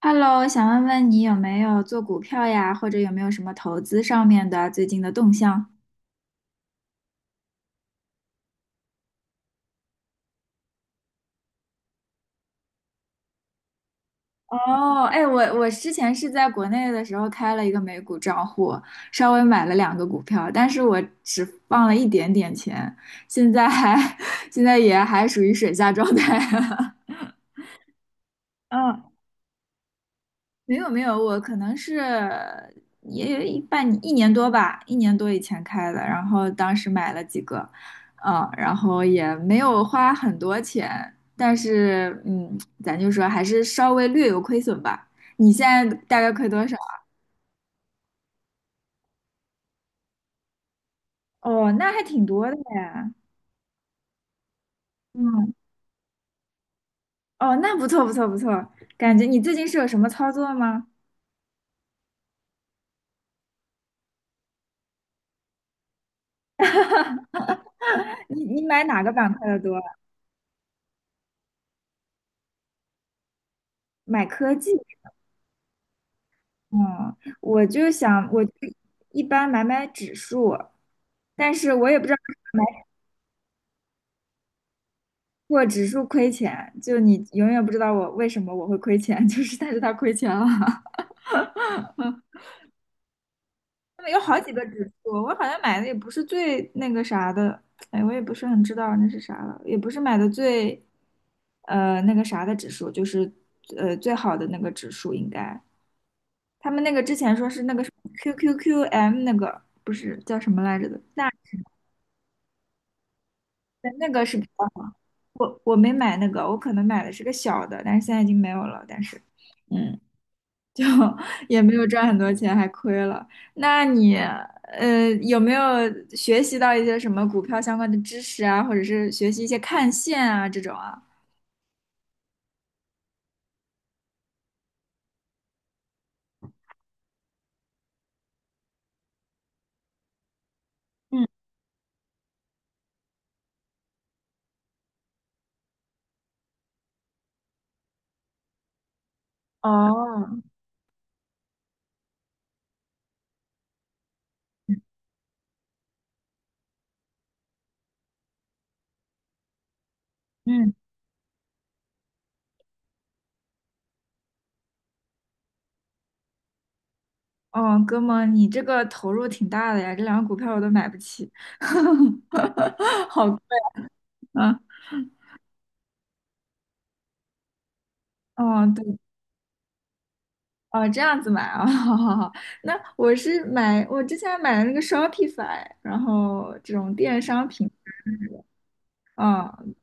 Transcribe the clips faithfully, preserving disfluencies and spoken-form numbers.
Hello,想问问你有没有做股票呀？或者有没有什么投资上面的最近的动向？哦，哎，我我之前是在国内的时候开了一个美股账户，稍微买了两个股票，但是我只放了一点点钱，现在还 现在也还属于水下状态。嗯，没有没有，我可能是也有一半一年多吧，一年多以前开的，然后当时买了几个，嗯，然后也没有花很多钱，但是嗯，咱就说还是稍微略有亏损吧。你现在大概亏多少？哦，那还挺多的呀。嗯，哦，那不错不错不错，感觉你最近是有什么操作吗？你你买哪个板块的多？买科技？嗯，我就想，我就一般买买指数，但是我也不知道为什么买过指数亏钱，就你永远不知道我为什么我会亏钱，就是但是它亏钱了。他们有好几个指数，我好像买的也不是最那个啥的，哎，我也不是很知道那是啥了，也不是买的最呃那个啥的指数，就是呃最好的那个指数应该。他们那个之前说是那个什么 Q Q Q M 那个，不是叫什么来着的，对，那个是比较好。我我没买那个，我可能买的是个小的，但是现在已经没有了。但是，嗯，就 也没有赚很多钱，还亏了。那你呃有没有学习到一些什么股票相关的知识啊，或者是学习一些看线啊这种啊？嗯，哦，嗯，哦，哥们，你这个投入挺大的呀，这两个股票我都买不起，好贵啊。哦，对。哦，这样子买啊，好好好。那我是买，我之前买的那个 Shopify,然后这种电商品，嗯，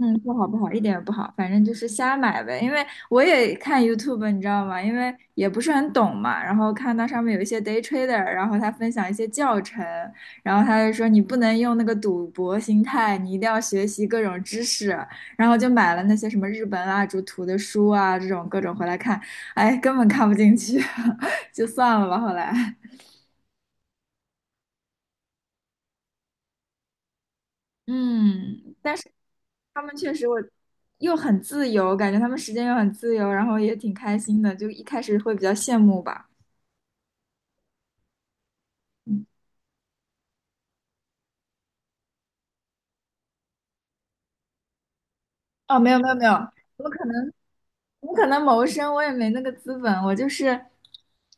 嗯，不好不好，一点也不好，反正就是瞎买呗。因为我也看 YouTube,你知道吗？因为也不是很懂嘛，然后看到上面有一些 day trader,然后他分享一些教程，然后他就说你不能用那个赌博心态，你一定要学习各种知识，然后就买了那些什么日本蜡烛图的书啊，这种各种回来看，哎，根本看不进去，就算了吧，后来。嗯，他们确实我又很自由，感觉他们时间又很自由，然后也挺开心的，就一开始会比较羡慕吧。嗯，哦，没有没有没有，我可能我可能谋生，我也没那个资本，我就是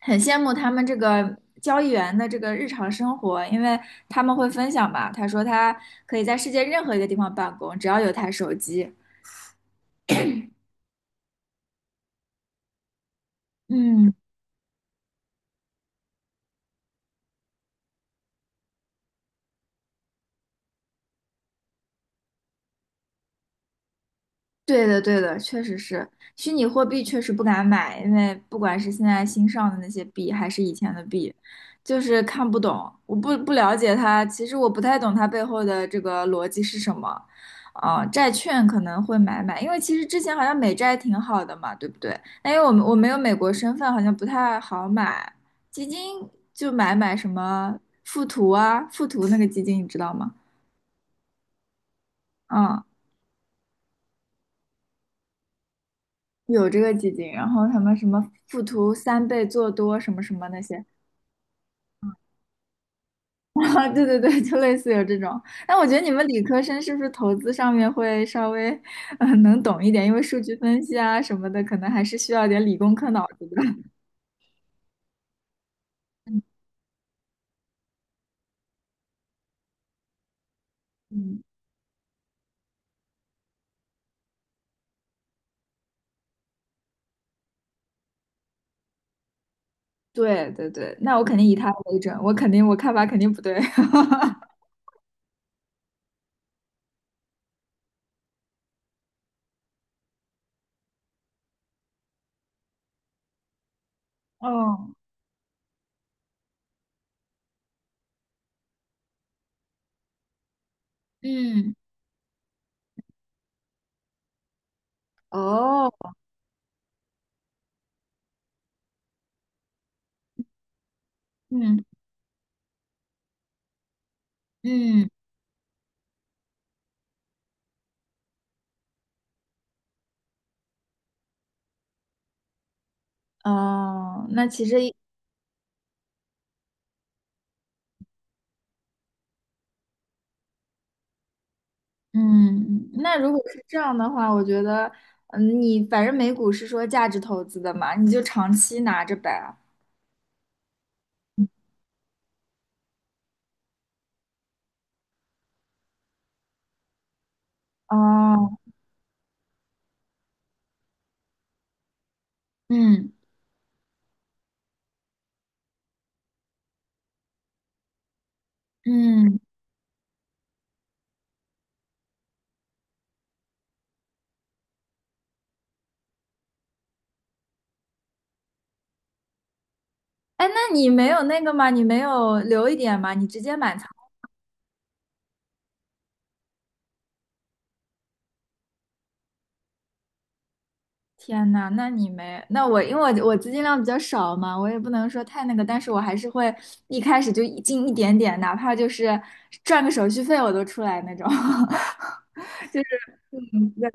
很羡慕他们这个交易员的这个日常生活，因为他们会分享吧，他说他可以在世界任何一个地方办公，只要有台手机。嗯。对的，对的，确实是虚拟货币，确实不敢买，因为不管是现在新上的那些币，还是以前的币，就是看不懂，我不不了解它，其实我不太懂它背后的这个逻辑是什么。啊、债券可能会买买，因为其实之前好像美债挺好的嘛，对不对？但因为我们我没有美国身份，好像不太好买。基金就买买什么富途啊，富途那个基金你知道吗？嗯。有这个基金，然后他们什么附图三倍做多什么什么那些，啊，对对对，就类似有这种。那我觉得你们理科生是不是投资上面会稍微嗯、呃能懂一点，因为数据分析啊什么的，可能还是需要点理工科脑子的。嗯，对对对，那我肯定以他为准，我肯定我看法肯定不对。哦，嗯，哦，嗯嗯，哦，那其实嗯，那如果是这样的话，我觉得，嗯，你反正美股是说价值投资的嘛，你就长期拿着呗。哦，嗯嗯，哎，那你没有那个吗？你没有留一点吗？你直接满仓？天呐，那你没，那我因为我我资金量比较少嘛，我也不能说太那个，但是我还是会一开始就一进一点点，哪怕就是赚个手续费我都出来那种，就是对，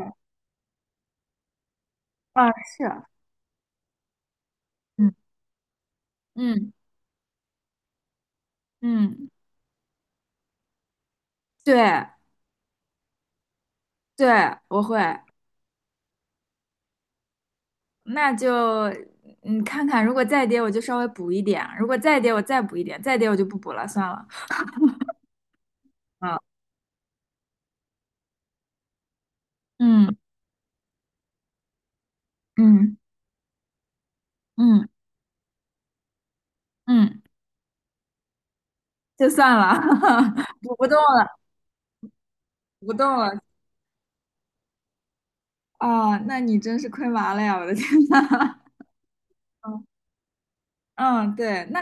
啊，是，嗯嗯嗯，对。对，我会，那就嗯看看，如果再跌我就稍微补一点，如果再跌我再补一点，再跌我就不补了，算了。啊，嗯嗯嗯嗯，就算了，补不动了，补不动了。啊，那你真是亏麻了呀！我的天呐。嗯嗯，对，那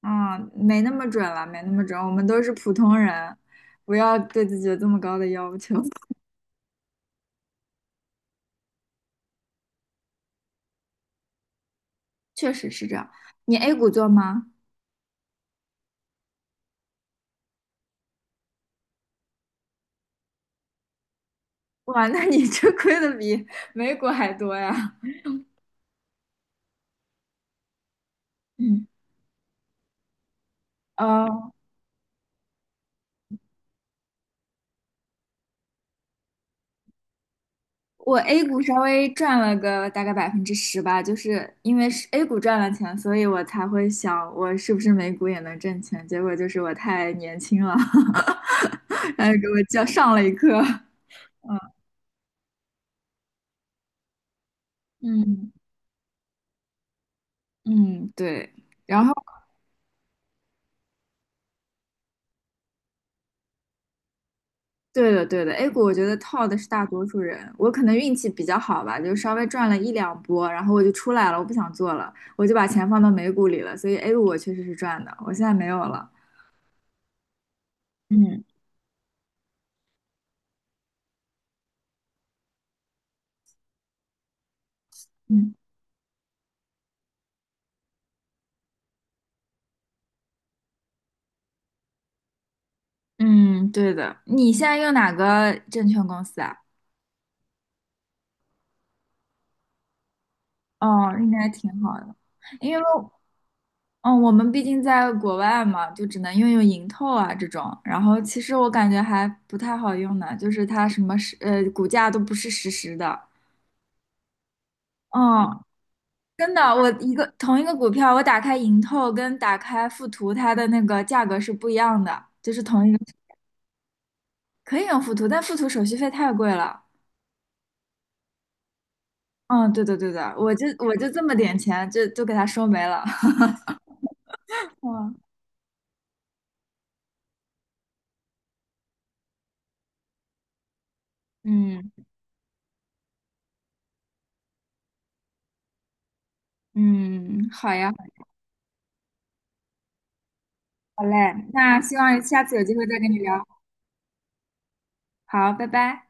啊，没那么准了，没那么准，我们都是普通人，不要对自己有这么高的要求。确实是这样。你 A 股做吗？哇，那你这亏的比美股还多呀！嗯，呃，我 A 股稍微赚了个大概百分之十吧，就是因为是 A 股赚了钱，所以我才会想我是不是美股也能挣钱。结果就是我太年轻了，然后给我叫上了一课。嗯嗯，对。然后，对的，对的，A 股我觉得套的是大多数人，我可能运气比较好吧，就稍微赚了一两波，然后我就出来了，我不想做了，我就把钱放到美股里了，所以 A 股我确实是赚的，我现在没有了。嗯嗯。嗯，对的。你现在用哪个证券公司啊？哦，应该挺好的，因为嗯，哦我们毕竟在国外嘛，就只能用用盈透啊这种。然后其实我感觉还不太好用呢，就是它什么是呃股价都不是实时的。嗯，真的，我一个同一个股票，我打开盈透跟打开富途，它的那个价格是不一样的，就是同一个可以用富途，但富途手续费太贵了。嗯，对的对的，我就我就这么点钱，就就给他收没了。嗯嗯嗯，好呀，好嘞，那希望下次有机会再跟你聊。好，拜拜。